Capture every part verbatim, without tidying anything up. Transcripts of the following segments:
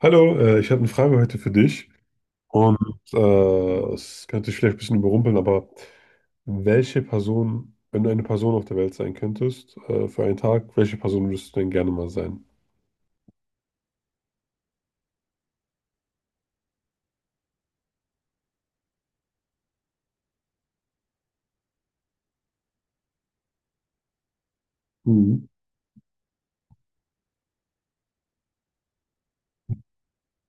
Hallo, äh, ich habe eine Frage heute für dich und äh, es könnte dich vielleicht ein bisschen überrumpeln, aber welche Person, wenn du eine Person auf der Welt sein könntest, äh, für einen Tag, welche Person würdest du denn gerne mal sein? Mhm.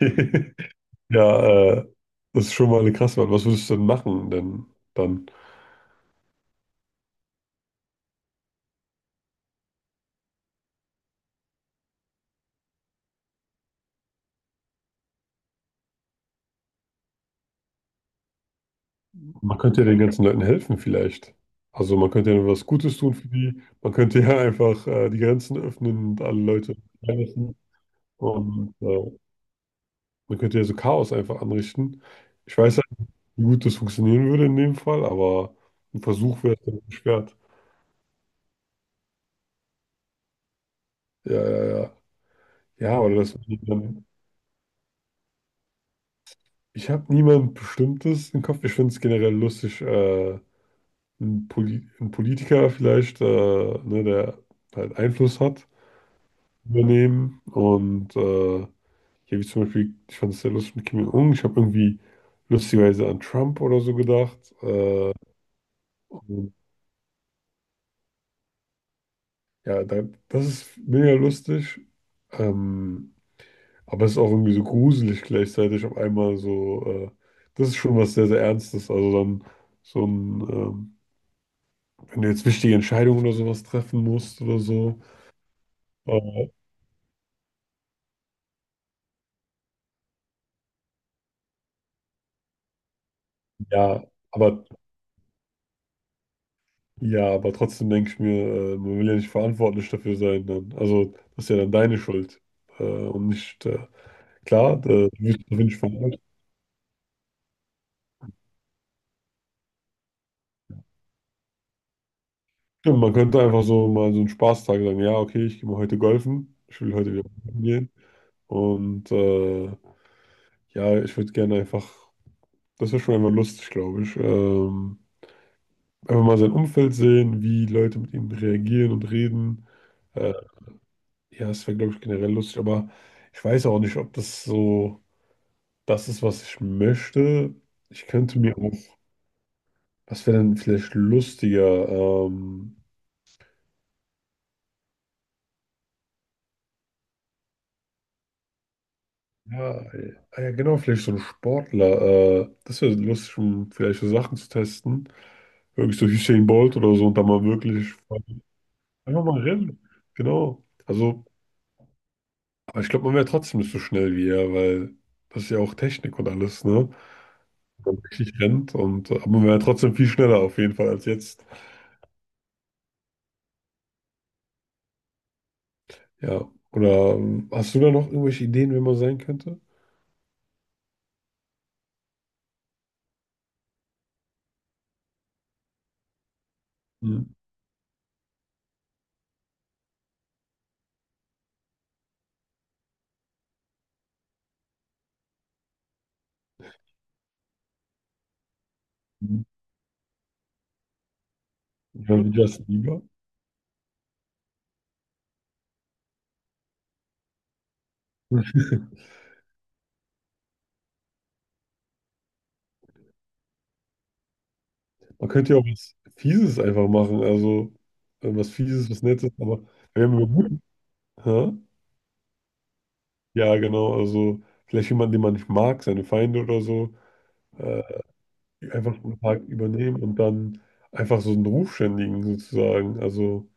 Ja, äh, das ist schon mal eine krasse Wahl. Was würdest du denn machen denn dann? Man könnte ja den ganzen Leuten helfen vielleicht. Also man könnte ja was Gutes tun für die, man könnte ja einfach äh, die Grenzen öffnen und alle Leute lassen und äh, Man könnte ja so Chaos einfach anrichten. Ich weiß, Mhm, halt nicht, wie gut das funktionieren würde in dem Fall, aber ein Versuch wäre es dann nicht wert. Ja, ja, ja. Ja, oder das. Ich habe niemand Bestimmtes im Kopf. Ich finde es generell lustig, äh, ein, Poli ein Politiker vielleicht, äh, ne, der halt Einfluss hat, übernehmen. Und äh, ja, wie zum Beispiel, ich fand es sehr lustig mit Kim Jong-un. Ich habe irgendwie lustigerweise an Trump oder so gedacht. Äh, Ja, da, das ist mega lustig. Ähm, aber es ist auch irgendwie so gruselig gleichzeitig auf einmal so. Äh, das ist schon was sehr, sehr Ernstes. Also dann so ein, ähm, wenn du jetzt wichtige Entscheidungen oder sowas treffen musst oder so. Äh, ja, aber ja, aber trotzdem denke ich mir, äh, man will ja nicht verantwortlich dafür sein dann. Also das ist ja dann deine Schuld. Äh, und nicht, äh, klar, da, du wirst auf jeden Fall. Ja, man könnte einfach so mal so einen Spaßtag sagen, ja, okay, ich gehe mal heute golfen, ich will heute wieder golfen gehen. Und äh, ja, ich würde gerne einfach, das wäre schon einfach lustig, glaube ich. Ähm, einfach mal sein Umfeld sehen, wie Leute mit ihm reagieren und reden. Äh, ja, es wäre, glaube ich, generell lustig, aber ich weiß auch nicht, ob das so das ist, was ich möchte. Ich könnte mir auch, was wäre denn vielleicht lustiger? Ähm, Ja, äh, ah ja, genau, vielleicht so ein Sportler. Äh, das wäre lustig, um vielleicht so Sachen zu testen. Wirklich so Usain Bolt oder so und dann mal wirklich einfach mal rennen. Genau. Also, aber ich glaube, man wäre trotzdem nicht so schnell wie er, weil das ist ja auch Technik und alles, ne? Man richtig rennt und äh, aber man wäre trotzdem viel schneller auf jeden Fall als jetzt. Ja. Oder ähm, hast du da noch irgendwelche Ideen, wer man sein könnte? Mhm. Ja, wie Justin Bieber. Man könnte ja auch was Fieses einfach machen, also äh, was Fieses, was Nettes, aber wir haben über gut. Hä? Ja, genau, also vielleicht jemanden, den man nicht mag, seine Feinde oder so, äh, einfach einen Tag übernehmen und dann einfach so einen Ruf schändigen sozusagen. Also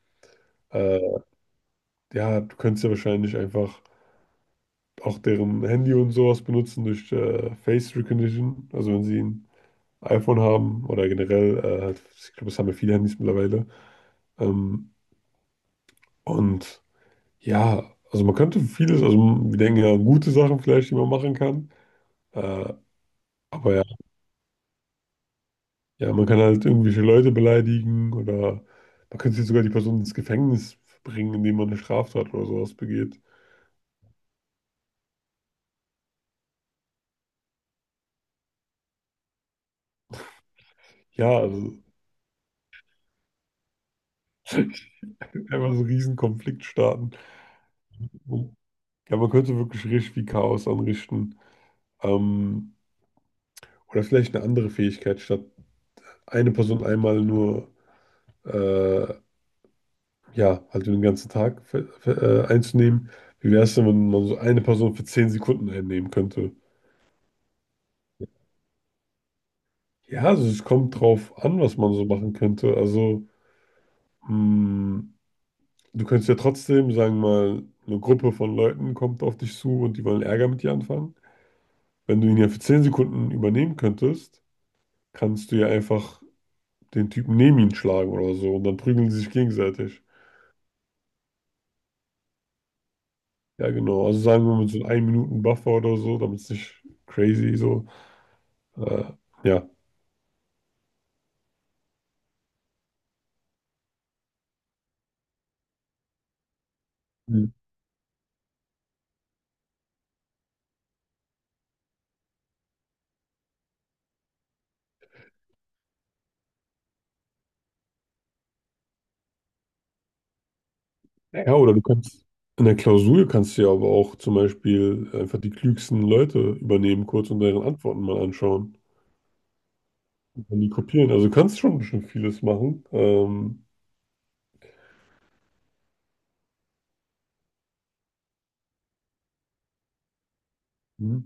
äh, ja, du könntest ja wahrscheinlich einfach auch deren Handy und sowas benutzen durch äh, Face Recognition, also wenn sie ein iPhone haben oder generell, äh, ich glaube, das haben ja viele Handys mittlerweile. Ähm, und Ja, also man könnte vieles, also wir denken ja an gute Sachen vielleicht, die man machen kann. Äh, aber ja, ja, man kann halt irgendwelche Leute beleidigen oder man könnte jetzt sogar die Person ins Gefängnis bringen, indem man eine Straftat oder sowas begeht. Ja, also ich würde einfach so einen riesen Konflikt starten. Ja, man könnte wirklich richtig viel Chaos anrichten. Ähm, oder vielleicht eine andere Fähigkeit, statt eine Person einmal nur äh, ja, halt den ganzen Tag ver- ver- äh, einzunehmen. Wie wäre es denn, wenn man so eine Person für zehn Sekunden einnehmen könnte? Ja, also es kommt drauf an, was man so machen könnte. Also, mh, du könntest ja trotzdem, sagen wir mal, eine Gruppe von Leuten kommt auf dich zu und die wollen Ärger mit dir anfangen. Wenn du ihn ja für zehn Sekunden übernehmen könntest, kannst du ja einfach den Typen neben ihn schlagen oder so und dann prügeln sie sich gegenseitig. Ja, genau. Also sagen wir mit so einem ein-Minuten-Buffer oder so, damit es nicht crazy so. Äh, ja. Ja, oder du kannst in der Klausur kannst du ja aber auch zum Beispiel einfach die klügsten Leute übernehmen kurz und deren Antworten mal anschauen und dann die kopieren. Also du kannst schon schon vieles machen. Ähm, hm.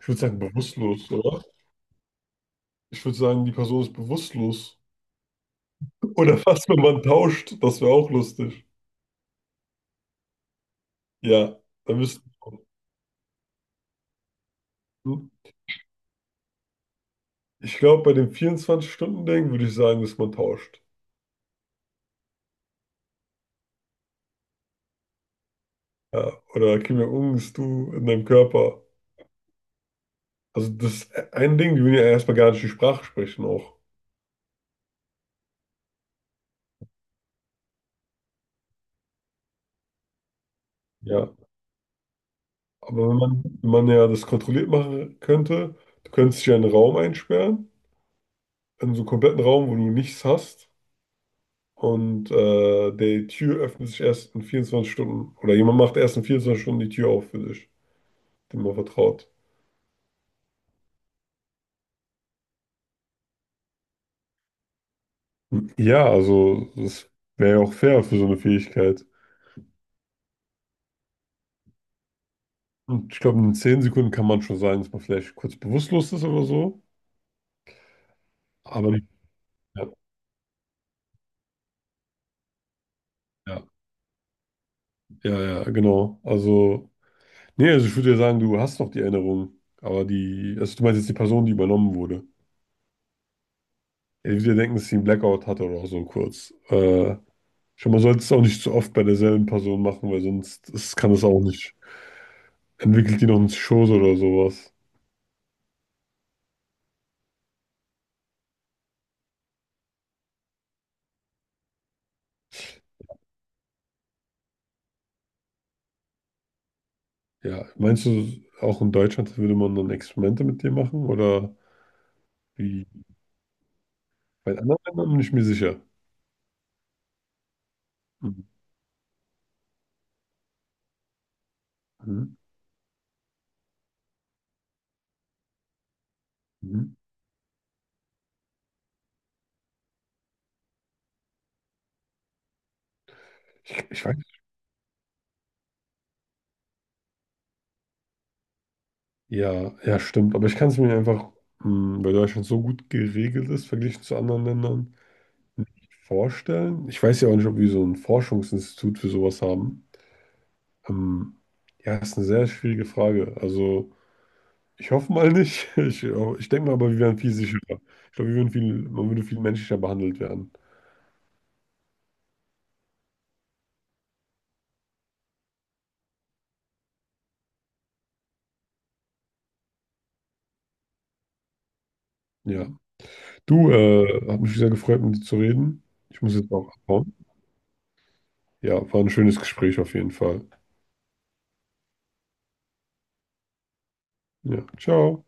Ich würde sagen bewusstlos, oder? Ich würde sagen, die Person ist bewusstlos. Oder fast, wenn man tauscht, das wäre auch lustig. Ja, dann müsste. hm. Ich glaube, bei dem vierundzwanzig-Stunden-Ding würde ich sagen, dass man tauscht. Ja, oder Kim Jong-un ist du in deinem Körper. Also das ist ein Ding, die will ja erstmal gar nicht die Sprache sprechen auch. Ja, aber wenn man, wenn man ja das kontrolliert machen könnte, du könntest dich ja in einen Raum einsperren, in so einen kompletten Raum, wo du nichts hast. Und äh, die Tür öffnet sich erst in vierundzwanzig Stunden. Oder jemand macht erst in vierundzwanzig Stunden die Tür auf für dich, dem man vertraut. Ja, also das wäre ja auch fair für so eine Fähigkeit. Und ich glaube, in zehn Sekunden kann man schon sagen, dass man vielleicht kurz bewusstlos ist oder so. Aber nicht. Ja, ja, ja, ja, genau. Also. Nee, also ich würde ja sagen, du hast noch die Erinnerung, aber die, also du meinst jetzt die Person, die übernommen wurde. Ja, ich würde ja denken, dass sie einen Blackout hatte oder so kurz. Äh, schon mal sollte es auch nicht zu oft bei derselben Person machen, weil sonst ist, kann das auch nicht. Entwickelt die noch einen Schoß oder sowas. Ja, meinst du, auch in Deutschland würde man dann Experimente mit dir machen oder wie? Bei anderen Ländern bin ich mir sicher. Mhm. Mhm. Mhm. Ich, ich weiß. Ja, ja, stimmt, aber ich kann es mir einfach, mh, weil Deutschland so gut geregelt ist, verglichen zu anderen Ländern, vorstellen. Ich weiß ja auch nicht, ob wir so ein Forschungsinstitut für sowas haben. Ähm, ja, ist eine sehr schwierige Frage. Also, ich hoffe mal nicht. Ich, ich denke mal, aber wir wären viel sicherer. Ich glaube, wir würden viel, man würde viel menschlicher behandelt werden. Ja. Du, äh, hat mich sehr gefreut, mit dir zu reden. Ich muss jetzt auch abhauen. Ja, war ein schönes Gespräch auf jeden Fall. Ja, ciao.